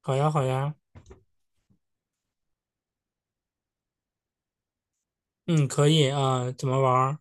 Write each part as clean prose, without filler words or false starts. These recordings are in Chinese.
好呀，好呀。嗯，可以啊。怎么玩儿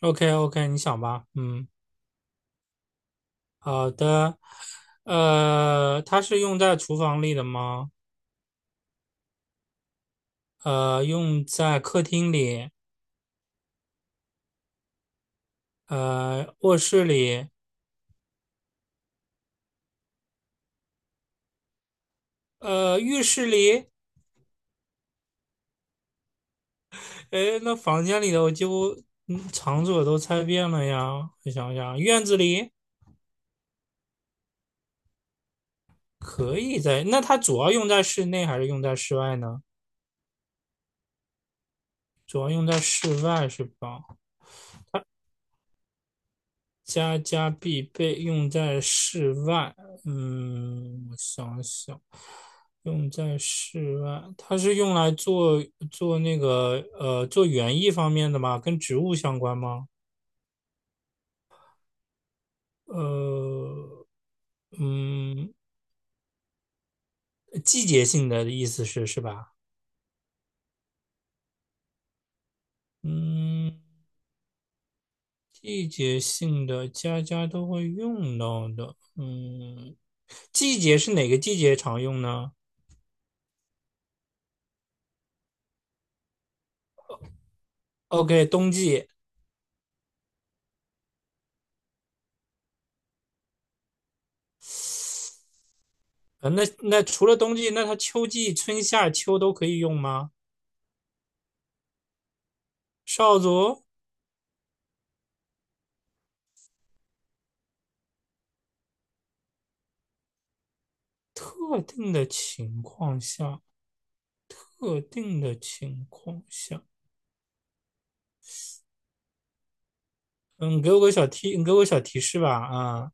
？OK,OK，你想吧。嗯，好的。它是用在厨房里的吗？用在客厅里？卧室里？浴室里？诶，那房间里的我几乎场所都猜遍了呀。我想想，院子里可以在，那它主要用在室内还是用在室外呢？主要用在室外是吧？家家必备，用在室外。嗯，我想想，用在室外，它是用来做做园艺方面的吗？跟植物相关吗？呃，嗯，季节性的意思是是吧？嗯，季节性的家家都会用到的。嗯，季节是哪个季节常用呢？OK，冬季。那除了冬季，那它秋季、春夏秋都可以用吗？少佐，特定的情况下，特定的情况下。嗯，给我个小提，你给我个小提示吧啊。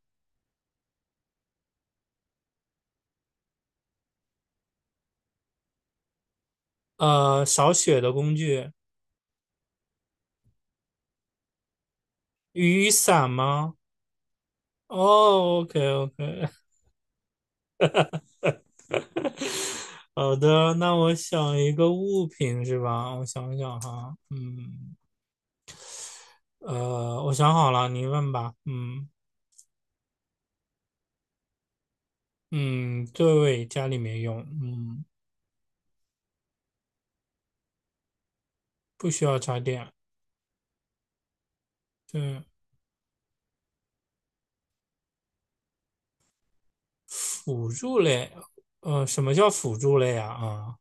扫雪的工具？雨伞吗？哦，OK OK。好的，那我想一个物品是吧？我想想哈。我想好了，你问吧。嗯嗯，对，家里面用，嗯。不需要插电。对。辅助类？什么叫辅助类啊？啊，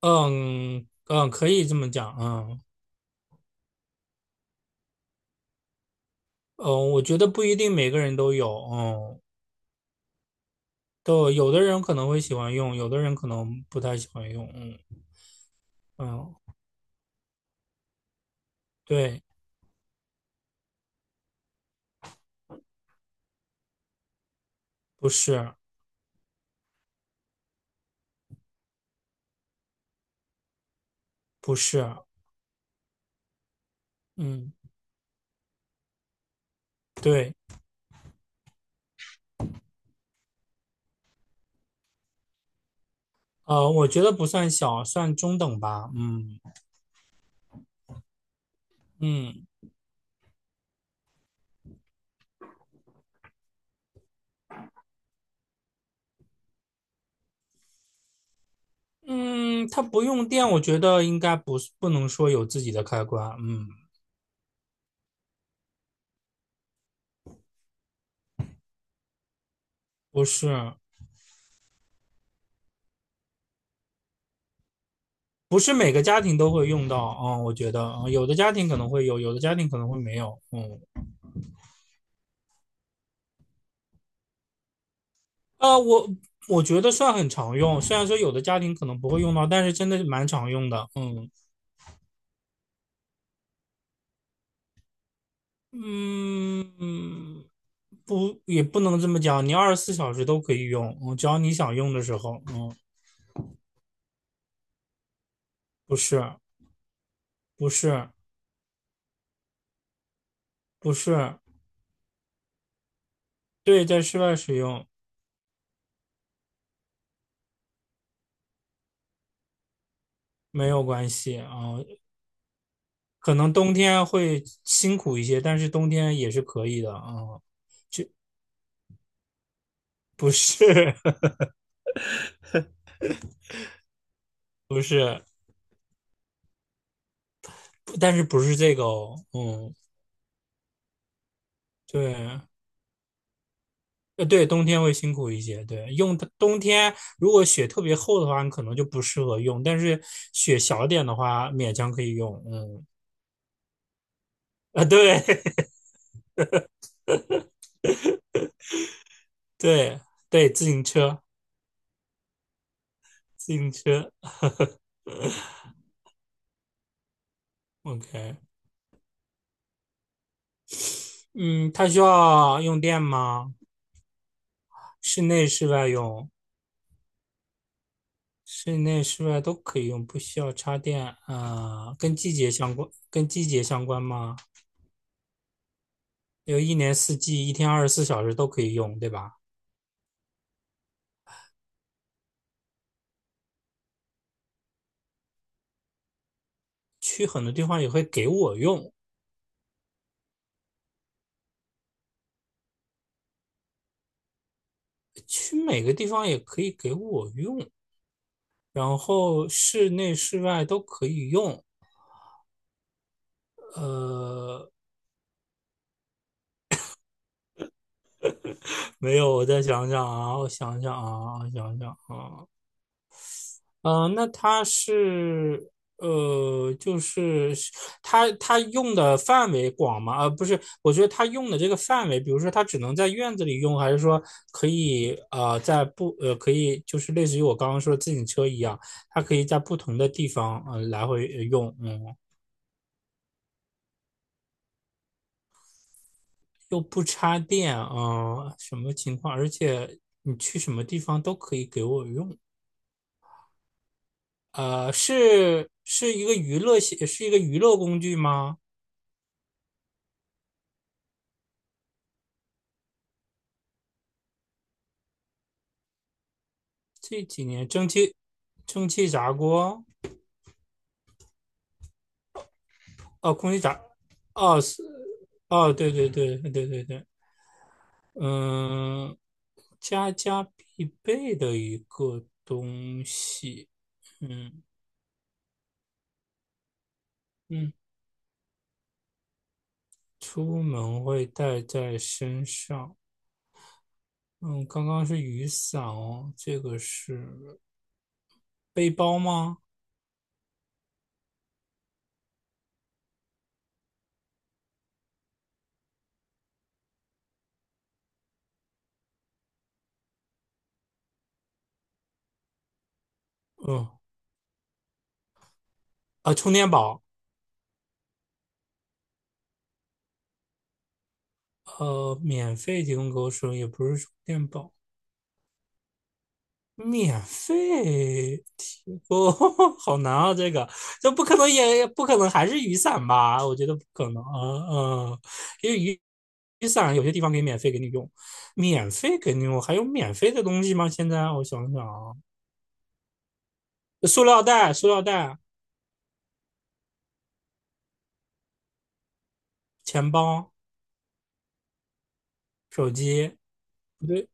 嗯嗯，可以这么讲。嗯嗯，我觉得不一定每个人都有。嗯，都有的人可能会喜欢用，有的人可能不太喜欢用。嗯嗯，对。不是。不是。嗯，对。我觉得不算小，算中等吧。嗯嗯嗯，它不用电，我觉得应该不是不能说有自己的开关。嗯，不是。不是每个家庭都会用到啊、嗯我觉得有的家庭可能会有，有的家庭可能会没有。嗯。啊，我我觉得算很常用，虽然说有的家庭可能不会用到，但是真的是蛮常用的。嗯嗯嗯，不，也不能这么讲，你二十四小时都可以用，只要你想用的时候。嗯，不是。不是。不是。对，在室外使用。没有关系。可能冬天会辛苦一些，但是冬天也是可以的。不是。不是，但是不是这个哦。嗯，对。对，冬天会辛苦一些。对，用它冬天如果雪特别厚的话，你可能就不适合用，但是雪小点的话，勉强可以用。嗯，啊，对。对，对，自行车，自行车。OK。嗯，它需要用电吗？室内、室外用？室内、室外都可以用，不需要插电啊。跟季节相关？跟季节相关吗？有一年四季一天二十四小时都可以用，对吧？去很多地方也会给我用？去每个地方也可以给我用，然后室内室外都可以用。呃，没有，我再想想啊，那它是呃，就是是它用的范围广吗？不是，我觉得它用的这个范围，比如说它只能在院子里用，还是说可以呃在不呃可以就是类似于我刚刚说自行车一样，它可以在不同的地方来回用。嗯，又不插电，什么情况？而且你去什么地方都可以给我用。是一个娱乐工具吗？这几年蒸汽炸锅？哦，空气炸，哦是，哦，对对对对对对。嗯，家家必备的一个东西。嗯嗯，出门会带在身上。嗯，刚刚是雨伞哦，这个是背包吗？嗯，啊，充电宝？免费提供给我使用，也不是充电宝。免费提供？好难啊！这不可能，也也不可能还是雨伞吧？我觉得不可能。嗯嗯，因为雨伞有些地方可以免费给你用，免费给你用。还有免费的东西吗？现在我想想啊。塑料袋、塑料袋、钱包、手机？不对。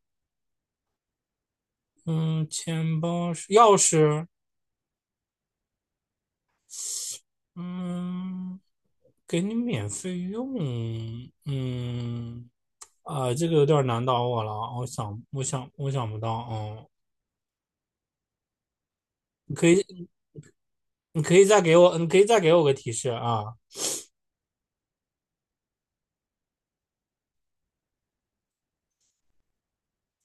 嗯，钱包、钥匙？嗯，给你免费用。嗯，啊，这个有点难倒我了。我想，我想，我想不到。哦，你可以，你可以再给我，你可以再给我个提示啊。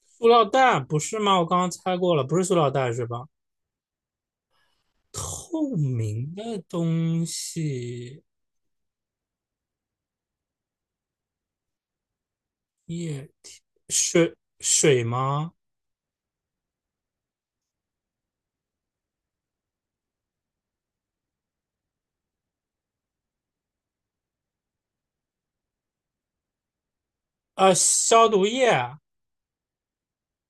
塑料袋不是吗？我刚刚猜过了，不是塑料袋是吧？透明的东西？液体？水，水吗？啊，消毒液？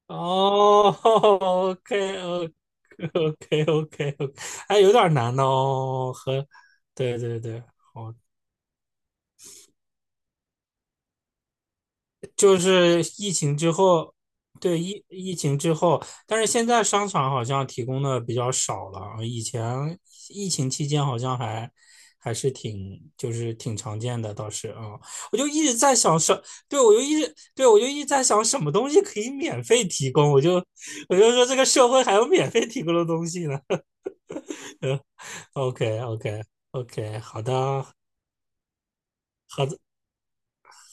哦，OK OK OK OK。还有点儿难哦，和，对对对。哦，就是疫情之后。对疫情之后。但是现在商场好像提供的比较少了，以前疫情期间好像还是挺挺常见的，倒是啊。我就一直在想什，对我就一直在想什么东西可以免费提供。我就说这个社会还有免费提供的东西呢。嗯。 o k o k o k 好的，好的，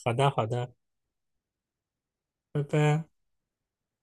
好的，好的，拜拜。